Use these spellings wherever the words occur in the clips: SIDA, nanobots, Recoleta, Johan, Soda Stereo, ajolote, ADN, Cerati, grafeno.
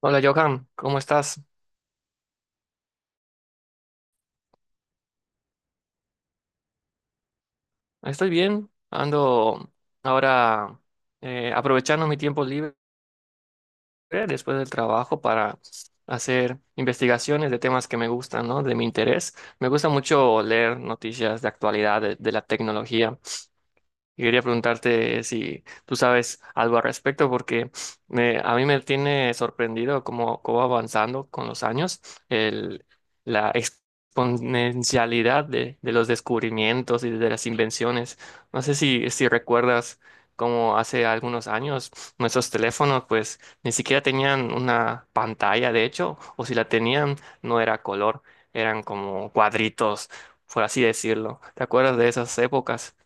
Hola, Johan, ¿cómo estás? Estoy bien, ando ahora aprovechando mi tiempo libre después del trabajo para hacer investigaciones de temas que me gustan, ¿no? De mi interés. Me gusta mucho leer noticias de actualidad, de la tecnología. Y quería preguntarte si tú sabes algo al respecto, porque a mí me tiene sorprendido cómo va avanzando con los años el, la exponencialidad de los descubrimientos y de las invenciones. No sé si recuerdas cómo hace algunos años nuestros teléfonos pues ni siquiera tenían una pantalla, de hecho, o si la tenían no era color, eran como cuadritos, por así decirlo. ¿Te acuerdas de esas épocas?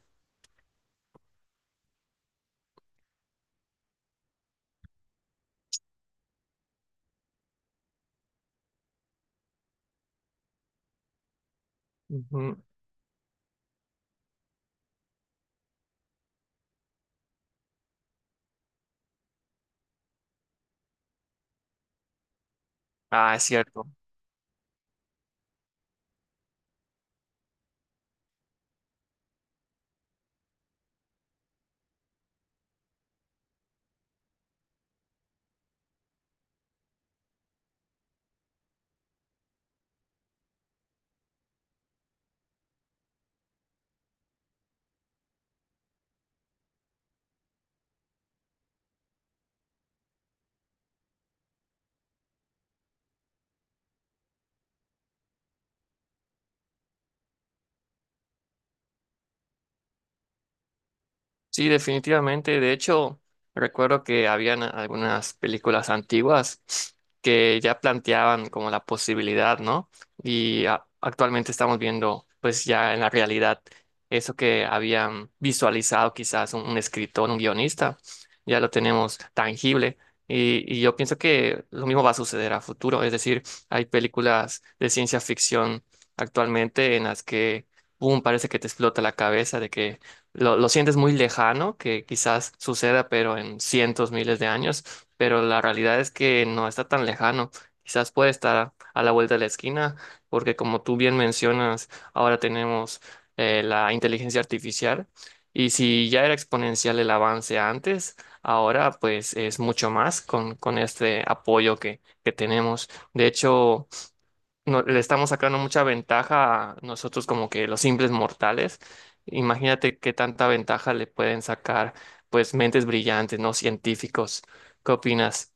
Ujú. Ah, es cierto. Sí, definitivamente. De hecho, recuerdo que habían algunas películas antiguas que ya planteaban como la posibilidad, ¿no? Y actualmente estamos viendo, pues ya en la realidad, eso que habían visualizado quizás un escritor, un guionista, ya lo tenemos tangible. Y yo pienso que lo mismo va a suceder a futuro. Es decir, hay películas de ciencia ficción actualmente en las que, boom, parece que te explota la cabeza de que lo sientes muy lejano, que quizás suceda, pero en cientos, miles de años, pero la realidad es que no está tan lejano. Quizás puede estar a la vuelta de la esquina, porque como tú bien mencionas, ahora tenemos la inteligencia artificial, y si ya era exponencial el avance antes, ahora pues es mucho más con este apoyo que tenemos. De hecho le estamos sacando mucha ventaja a nosotros como que los simples mortales. Imagínate qué tanta ventaja le pueden sacar pues mentes brillantes, no científicos. ¿Qué opinas?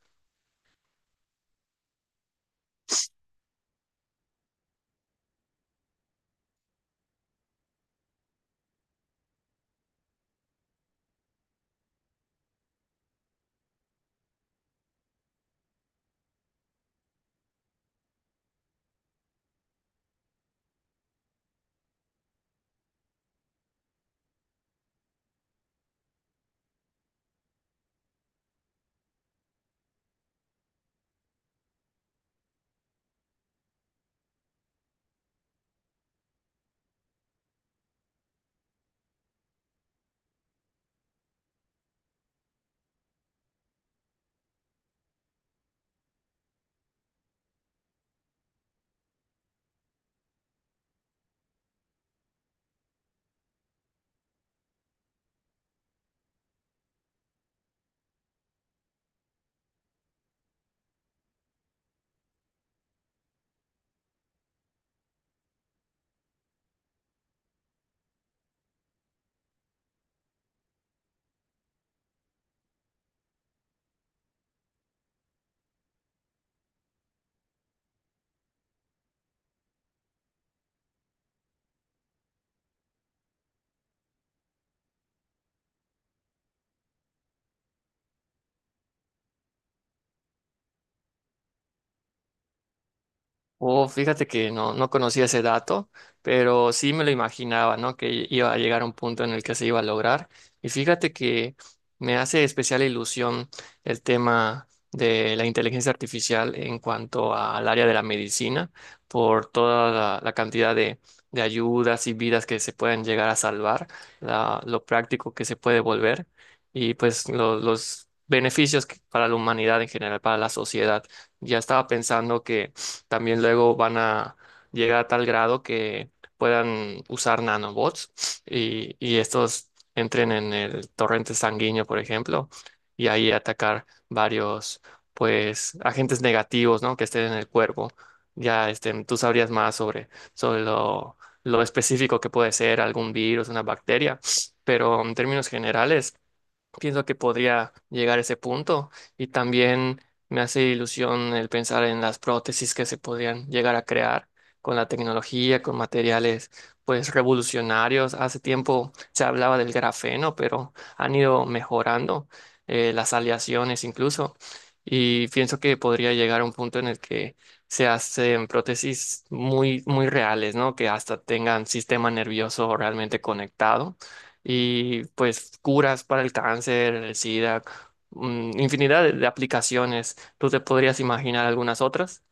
Oh, fíjate que no, no conocía ese dato, pero sí me lo imaginaba, ¿no? Que iba a llegar a un punto en el que se iba a lograr. Y fíjate que me hace especial ilusión el tema de la inteligencia artificial en cuanto al área de la medicina, por toda la cantidad de ayudas y vidas que se pueden llegar a salvar, lo práctico que se puede volver y pues los beneficios para la humanidad en general, para la sociedad. Ya estaba pensando que pues, también luego van a llegar a tal grado que puedan usar nanobots y estos entren en el torrente sanguíneo, por ejemplo, y ahí atacar varios, pues, agentes negativos, ¿no? Que estén en el cuerpo. Ya, este, tú sabrías más sobre lo específico que puede ser algún virus, una bacteria, pero en términos generales pienso que podría llegar a ese punto y también me hace ilusión el pensar en las prótesis que se podrían llegar a crear con la tecnología, con materiales pues revolucionarios. Hace tiempo se hablaba del grafeno, pero han ido mejorando las aleaciones incluso y pienso que podría llegar a un punto en el que se hacen prótesis muy muy reales, ¿no? Que hasta tengan sistema nervioso realmente conectado y pues curas para el cáncer, el SIDA, infinidad de aplicaciones. ¿Tú te podrías imaginar algunas otras?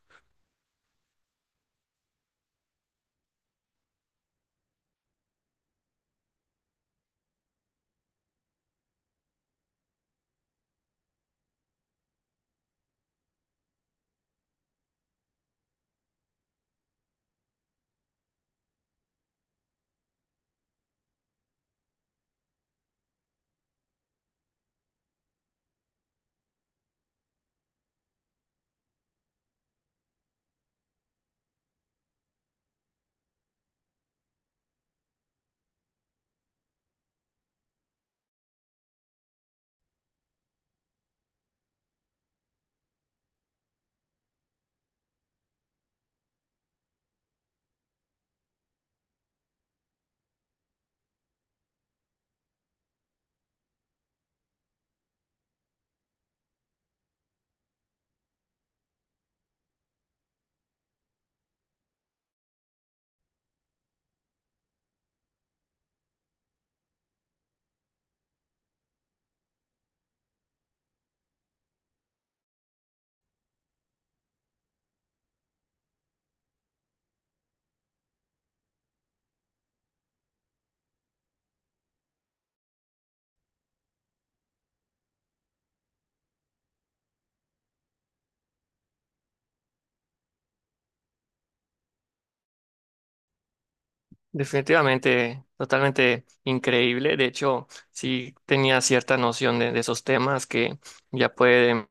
Definitivamente, totalmente increíble. De hecho, sí tenía cierta noción de esos temas que ya pueden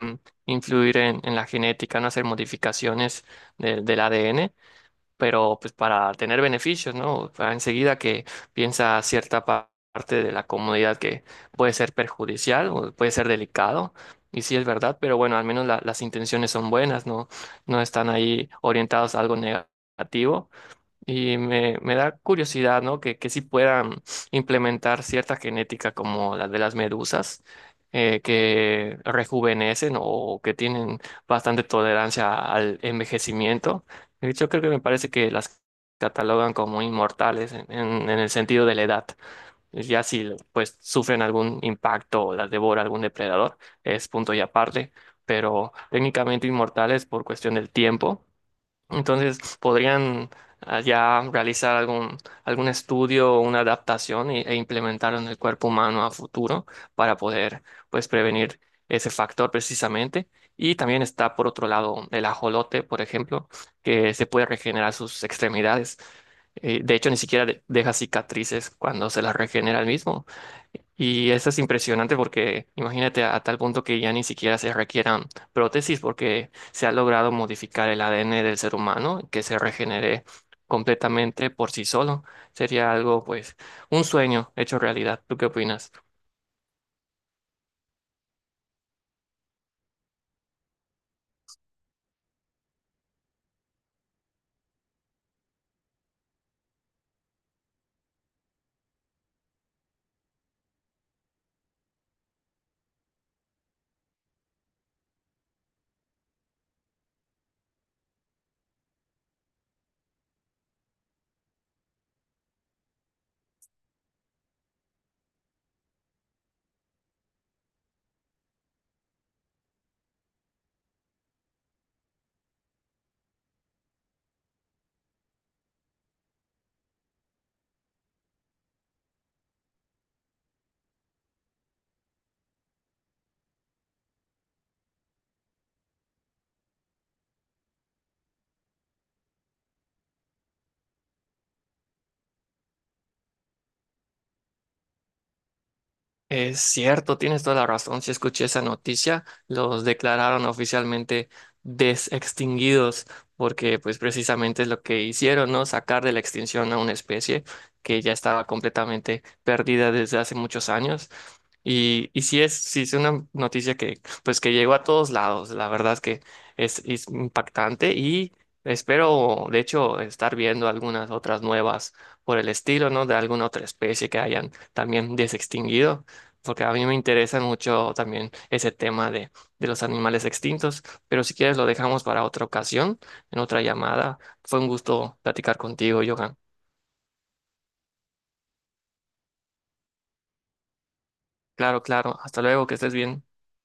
mm, influir en la genética, no hacer modificaciones del ADN. Pero pues para tener beneficios, ¿no? Para enseguida que piensa cierta parte de la comunidad que puede ser perjudicial o puede ser delicado, y sí es verdad, pero bueno, al menos las intenciones son buenas, ¿no? No están ahí orientados a algo negativo. Y me da curiosidad, ¿no? Que sí puedan implementar cierta genética como la de las medusas, que rejuvenecen o que tienen bastante tolerancia al envejecimiento. De hecho, creo que me parece que las catalogan como inmortales en el sentido de la edad. Ya si pues sufren algún impacto o las devora algún depredador, es punto y aparte, pero técnicamente inmortales por cuestión del tiempo. Entonces, podrían ya realizar algún estudio o una adaptación e implementarlo en el cuerpo humano a futuro para poder, pues, prevenir ese factor precisamente. Y también está, por otro lado, el ajolote, por ejemplo, que se puede regenerar sus extremidades. De hecho, ni siquiera deja cicatrices cuando se las regenera el mismo. Y eso es impresionante porque imagínate a, tal punto que ya ni siquiera se requieran prótesis porque se ha logrado modificar el ADN del ser humano, que se regenere completamente por sí solo. Sería algo, pues, un sueño hecho realidad. ¿Tú qué opinas? Es cierto, tienes toda la razón. Si escuché esa noticia, los declararon oficialmente desextinguidos, porque pues precisamente es lo que hicieron, ¿no? Sacar de la extinción a una especie que ya estaba completamente perdida desde hace muchos años. Y sí sí es una noticia que pues que llegó a todos lados. La verdad es que es impactante y espero, de hecho, estar viendo algunas otras nuevas por el estilo, ¿no? De alguna otra especie que hayan también desextinguido porque a mí me interesa mucho también ese tema de los animales extintos, pero si quieres lo dejamos para otra ocasión, en otra llamada. Fue un gusto platicar contigo, Johan. Claro, claro. Hasta luego, que estés bien.